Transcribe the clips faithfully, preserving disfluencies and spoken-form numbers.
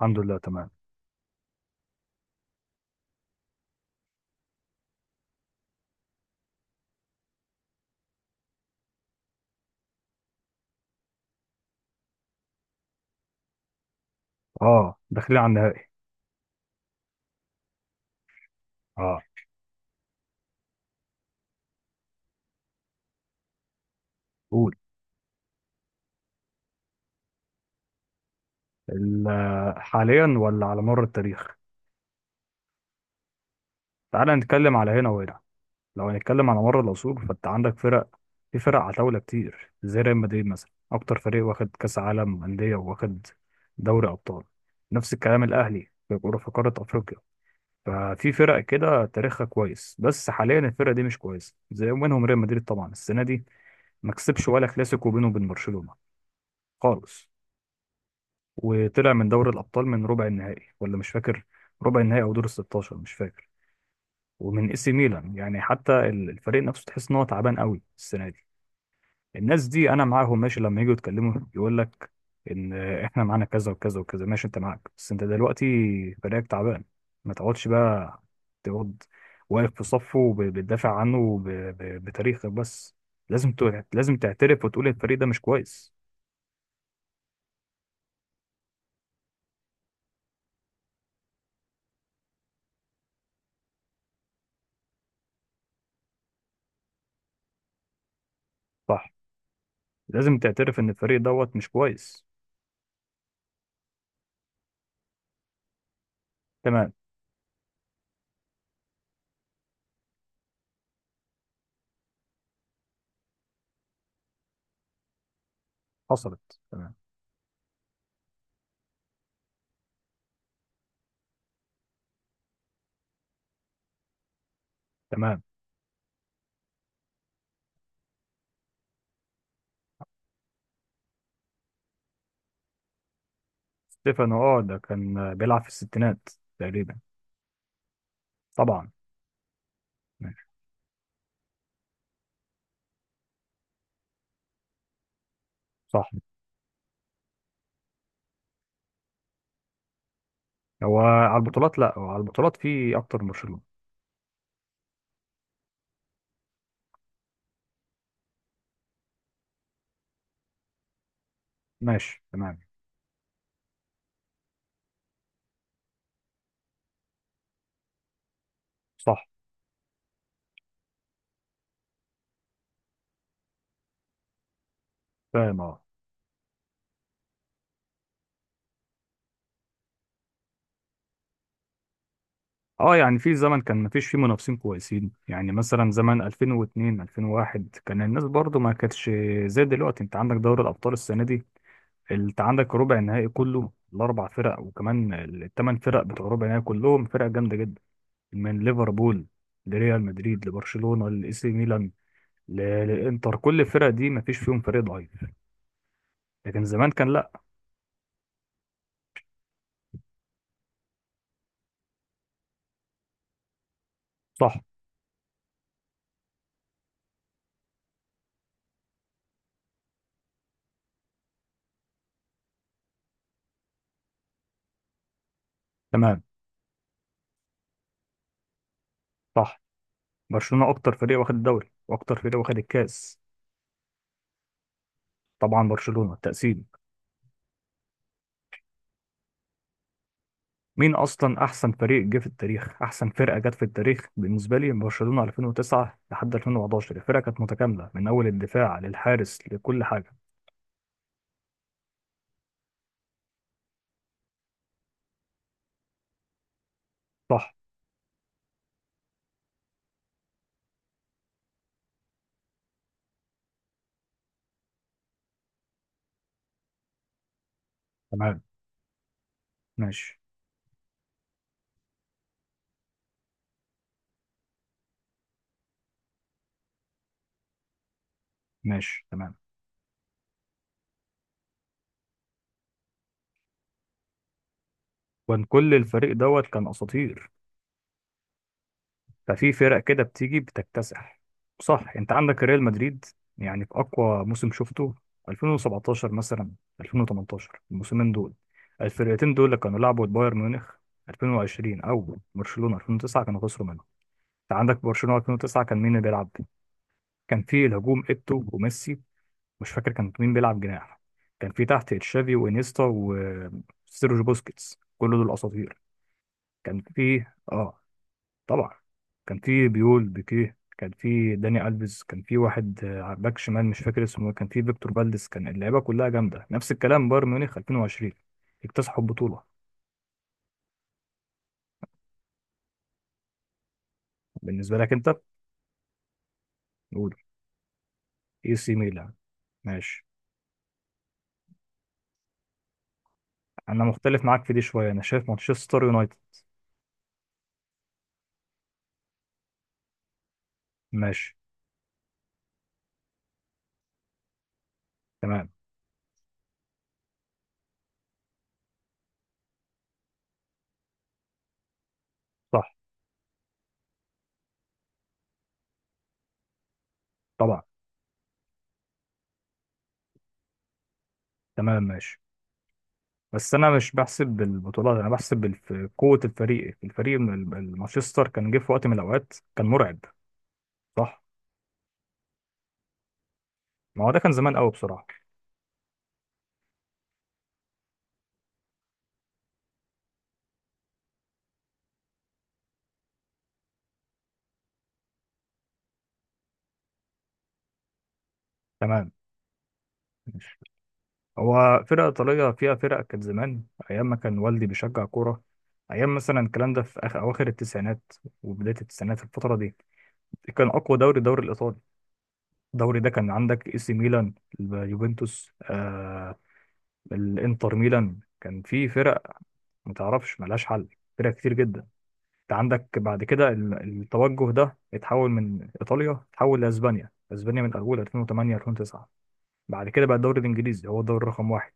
الحمد لله تمام. اه، داخلين على النهائي. اه، قول. ال- حاليا ولا على مر التاريخ؟ تعال نتكلم على هنا وهنا. لو هنتكلم على مر العصور، فانت عندك فرق. في فرق عتاولة كتير زي ريال مدريد مثلا، اكتر فريق واخد كاس عالم انديه، واخد دوري ابطال. نفس الكلام الاهلي في كرة في قاره افريقيا. ففي فرق كده تاريخها كويس، بس حاليا الفرقه دي مش كويسه زي منهم. ريال مدريد طبعا السنه دي ما كسبش ولا كلاسيكو بينه وبين برشلونه خالص، وطلع من دوري الأبطال من ربع النهائي ولا مش فاكر، ربع النهائي أو دور ال ستاشر مش فاكر، ومن اي سي ميلان. يعني حتى ال- الفريق نفسه تحس إن هو تعبان قوي السنة دي. الناس دي أنا معاهم ماشي، لما يجوا يتكلموا يقول لك إن إحنا معانا كذا وكذا وكذا، ماشي، أنت معاك، بس أنت دلوقتي فريقك تعبان. ما تقعدش بقى تقعد واقف في صفه وبتدافع عنه وب- ب- بتاريخك بس. لازم ت- لازم تعترف وتقول الفريق ده مش كويس. صح، لازم تعترف إن الفريق دوت مش كويس. تمام. حصلت. تمام. ستيفانو، اه، ده كان بيلعب في الستينات تقريبا. طبعا. ماشي. صح. هو على البطولات؟ لا، هو على البطولات في اكتر من برشلونة. ماشي تمام. صح. فاهم، اه. اه، يعني في زمن كان مفيش فيه منافسين كويسين، يعني مثلا زمن ألفين واتنين ألفين وواحد كان الناس برضو ما كانتش زي دلوقتي. انت عندك دوري الابطال السنة دي، انت عندك ربع النهائي كله، الاربع فرق، وكمان الثمان فرق بتوع ربع النهائي كلهم فرق جامدة جدا، من ليفربول لريال مدريد لبرشلونة لإي سي ميلان ل- للانتر. كل الفرق دي ما فيش فيهم فريق ضعيف. لكن زمان كان لا. صح. تمام. صح، برشلونة اكتر فريق واخد الدوري واكتر فريق واخد الكاس. طبعا برشلونة تقسيم. مين اصلا احسن فريق جه في التاريخ؟ احسن فرقة جت في التاريخ بالنسبة لي برشلونة ألفين وتسعة لحد ألفين وحداشر. الفرقة كانت متكاملة من اول الدفاع للحارس لكل حاجة. صح. تمام. ماشي. ماشي تمام. وان كل الفريق دوت كان اساطير. ففي فرق كده بتيجي بتكتسح. صح. انت عندك ريال مدريد، يعني في اقوى موسم شفته ألفين وسبعتاشر مثلا، ألفين وتمنتاشر، الموسمين دول الفرقتين دول اللي كانوا لعبوا بايرن ميونخ ألفين وعشرين او برشلونة ألفين وتسعة، كانوا خسروا منهم. انت عندك برشلونة ألفين وتسعة، كان مين اللي بيلعب؟ كان في الهجوم ايتو وميسي، مش فاكر كان مين بيلعب جناح، كان في تحت تشافي وانيستا وسيرجيو بوسكيتس، كل دول اساطير. كان في، اه، طبعا كان في بيول، بيكيه، كان في داني الفيز، كان في واحد آه، باك شمال مش فاكر اسمه، كان في فيكتور فالديز. كان اللعيبه كلها جامده. نفس الكلام بايرن ميونخ ألفين وعشرين، اكتسحوا البطوله. بالنسبه لك انت؟ قول. اي سي ميلان، ماشي. انا مختلف معاك في دي شويه، انا شايف مانشستر يونايتد. ماشي تمام. صح. طبعا. تمام. ماشي. بس انا مش بحسب بالبطولات، انا بحسب بالف- قوه الفريق. الفريق من ال- من مانشستر كان جه في وقت من الاوقات كان مرعب. صح. ما هو ده كان زمان قوي بصراحه. تمام. هو فرقة إيطالية فيها فرق كانت زمان، أيام ما كان والدي بيشجع كورة، أيام مثلا الكلام ده في آخر أواخر التسعينات وبداية التسعينات. في الفترة دي كان أقوى دوري الدوري الإيطالي. الدوري ده كان عندك إي سي ميلان، اليوفنتوس، آه، الإنتر ميلان. كان في فرق متعرفش ملهاش حل، فرق كتير جدا. أنت عندك بعد كده ال- التوجه ده اتحول من إيطاليا، اتحول لأسبانيا. أسبانيا من أول ألفين وتمنية ألفين وتسعة. بعد كده بقى الدوري الإنجليزي هو الدوري رقم واحد.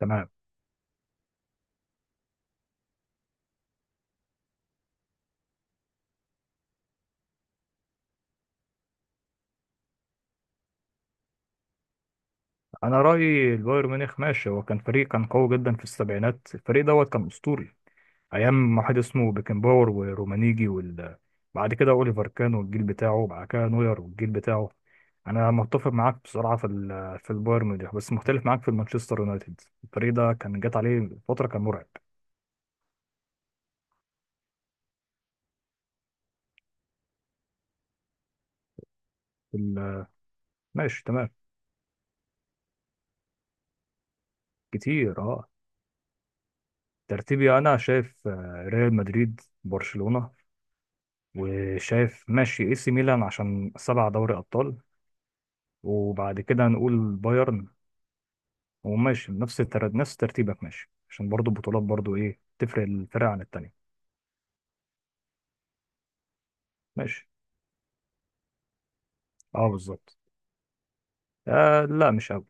تمام. انا رايي البايرن ميونخ ماشي. هو كان فريق كان قوي جدا في السبعينات، الفريق دوت كان اسطوري. ايام ما واحد اسمه بيكنباور ورومانيجي وال... بعد كده اوليفر كان والجيل بتاعه، بعد كده نوير والجيل بتاعه. انا متفق معاك بصراحه في ال... في البايرن ميونخ، بس مختلف معاك في المانشستر يونايتد. الفريق ده كان جات عليه فتره كان مرعب. في ال... ماشي تمام. كتير، اه. ترتيبي انا شايف آه، ريال مدريد، برشلونه، وشايف ماشي اي سي ميلان عشان سبع دوري ابطال، وبعد كده هنقول بايرن. وماشي نفس التر... نفس ترتيبك، ماشي، عشان برضو البطولات برضو ايه تفرق الفرق عن التانية. ماشي. اه، بالظبط. آه، لا مش قوي.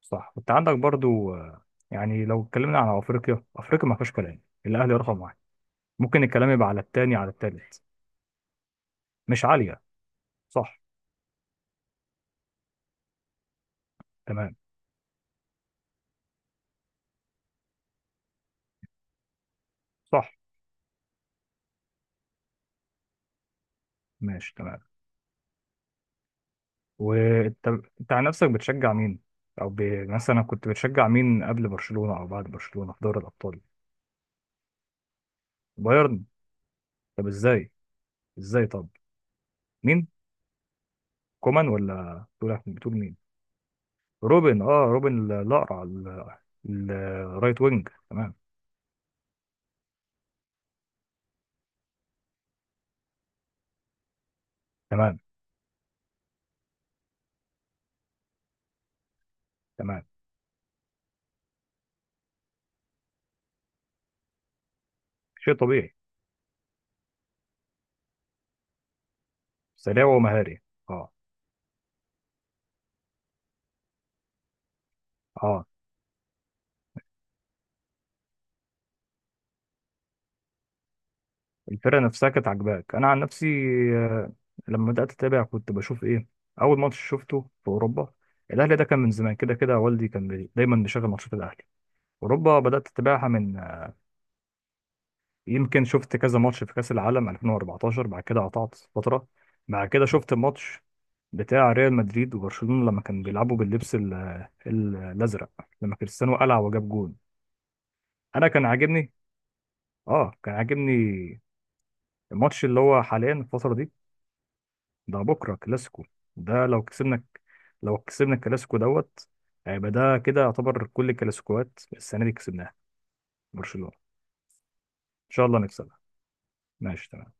صح، انت عندك برضو، آه، يعني لو اتكلمنا عن افريقيا، افريقيا ما فيهاش كلام، الاهلي رقم واحد. ممكن الكلام يبقى على التاني على التالت. مش عالية. صح. تمام. صح. ماشي تمام. وانت انت عن نفسك بتشجع مين؟ او ب... مثلا كنت بتشجع مين قبل برشلونة او بعد برشلونة في دوري الابطال؟ بايرن. طب ازاي؟ ازاي طب؟ مين؟ كومان ولا بتقول، بتقول مين؟ روبن، اه. روبن الاقرع، ال- ال- الرايت وينج، تمام. تمام. تمام. شيء طبيعي. سريع ومهاري، اه. اه، الفرقه نفسها كانت عاجباك. انا عن نفسي، آه، لما بدات اتابع كنت بشوف ايه، اول ماتش شفته في اوروبا الاهلي، ده كان من زمان كده كده والدي كان بي- دايما بيشغل ماتشات الاهلي. اوروبا بدات اتابعها من، يمكن شفت كذا ماتش في كأس العالم ألفين واربعتاشر، بعد كده قطعت فترة. بعد كده شفت الماتش بتاع ريال مدريد وبرشلونة لما كانوا بيلعبوا باللبس ال- ال- الأزرق، لما كريستيانو قلع وجاب جون. أنا كان عاجبني. آه، كان عاجبني. الماتش اللي هو حاليا الفترة دي، ده بكرة كلاسيكو. ده لو كسبنا، لو كسبنا الكلاسيكو دوت، هيبقى ده كده يعتبر كل الكلاسيكوات السنة دي كسبناها برشلونة. إن شاء الله نكسبها. ماشي تمام.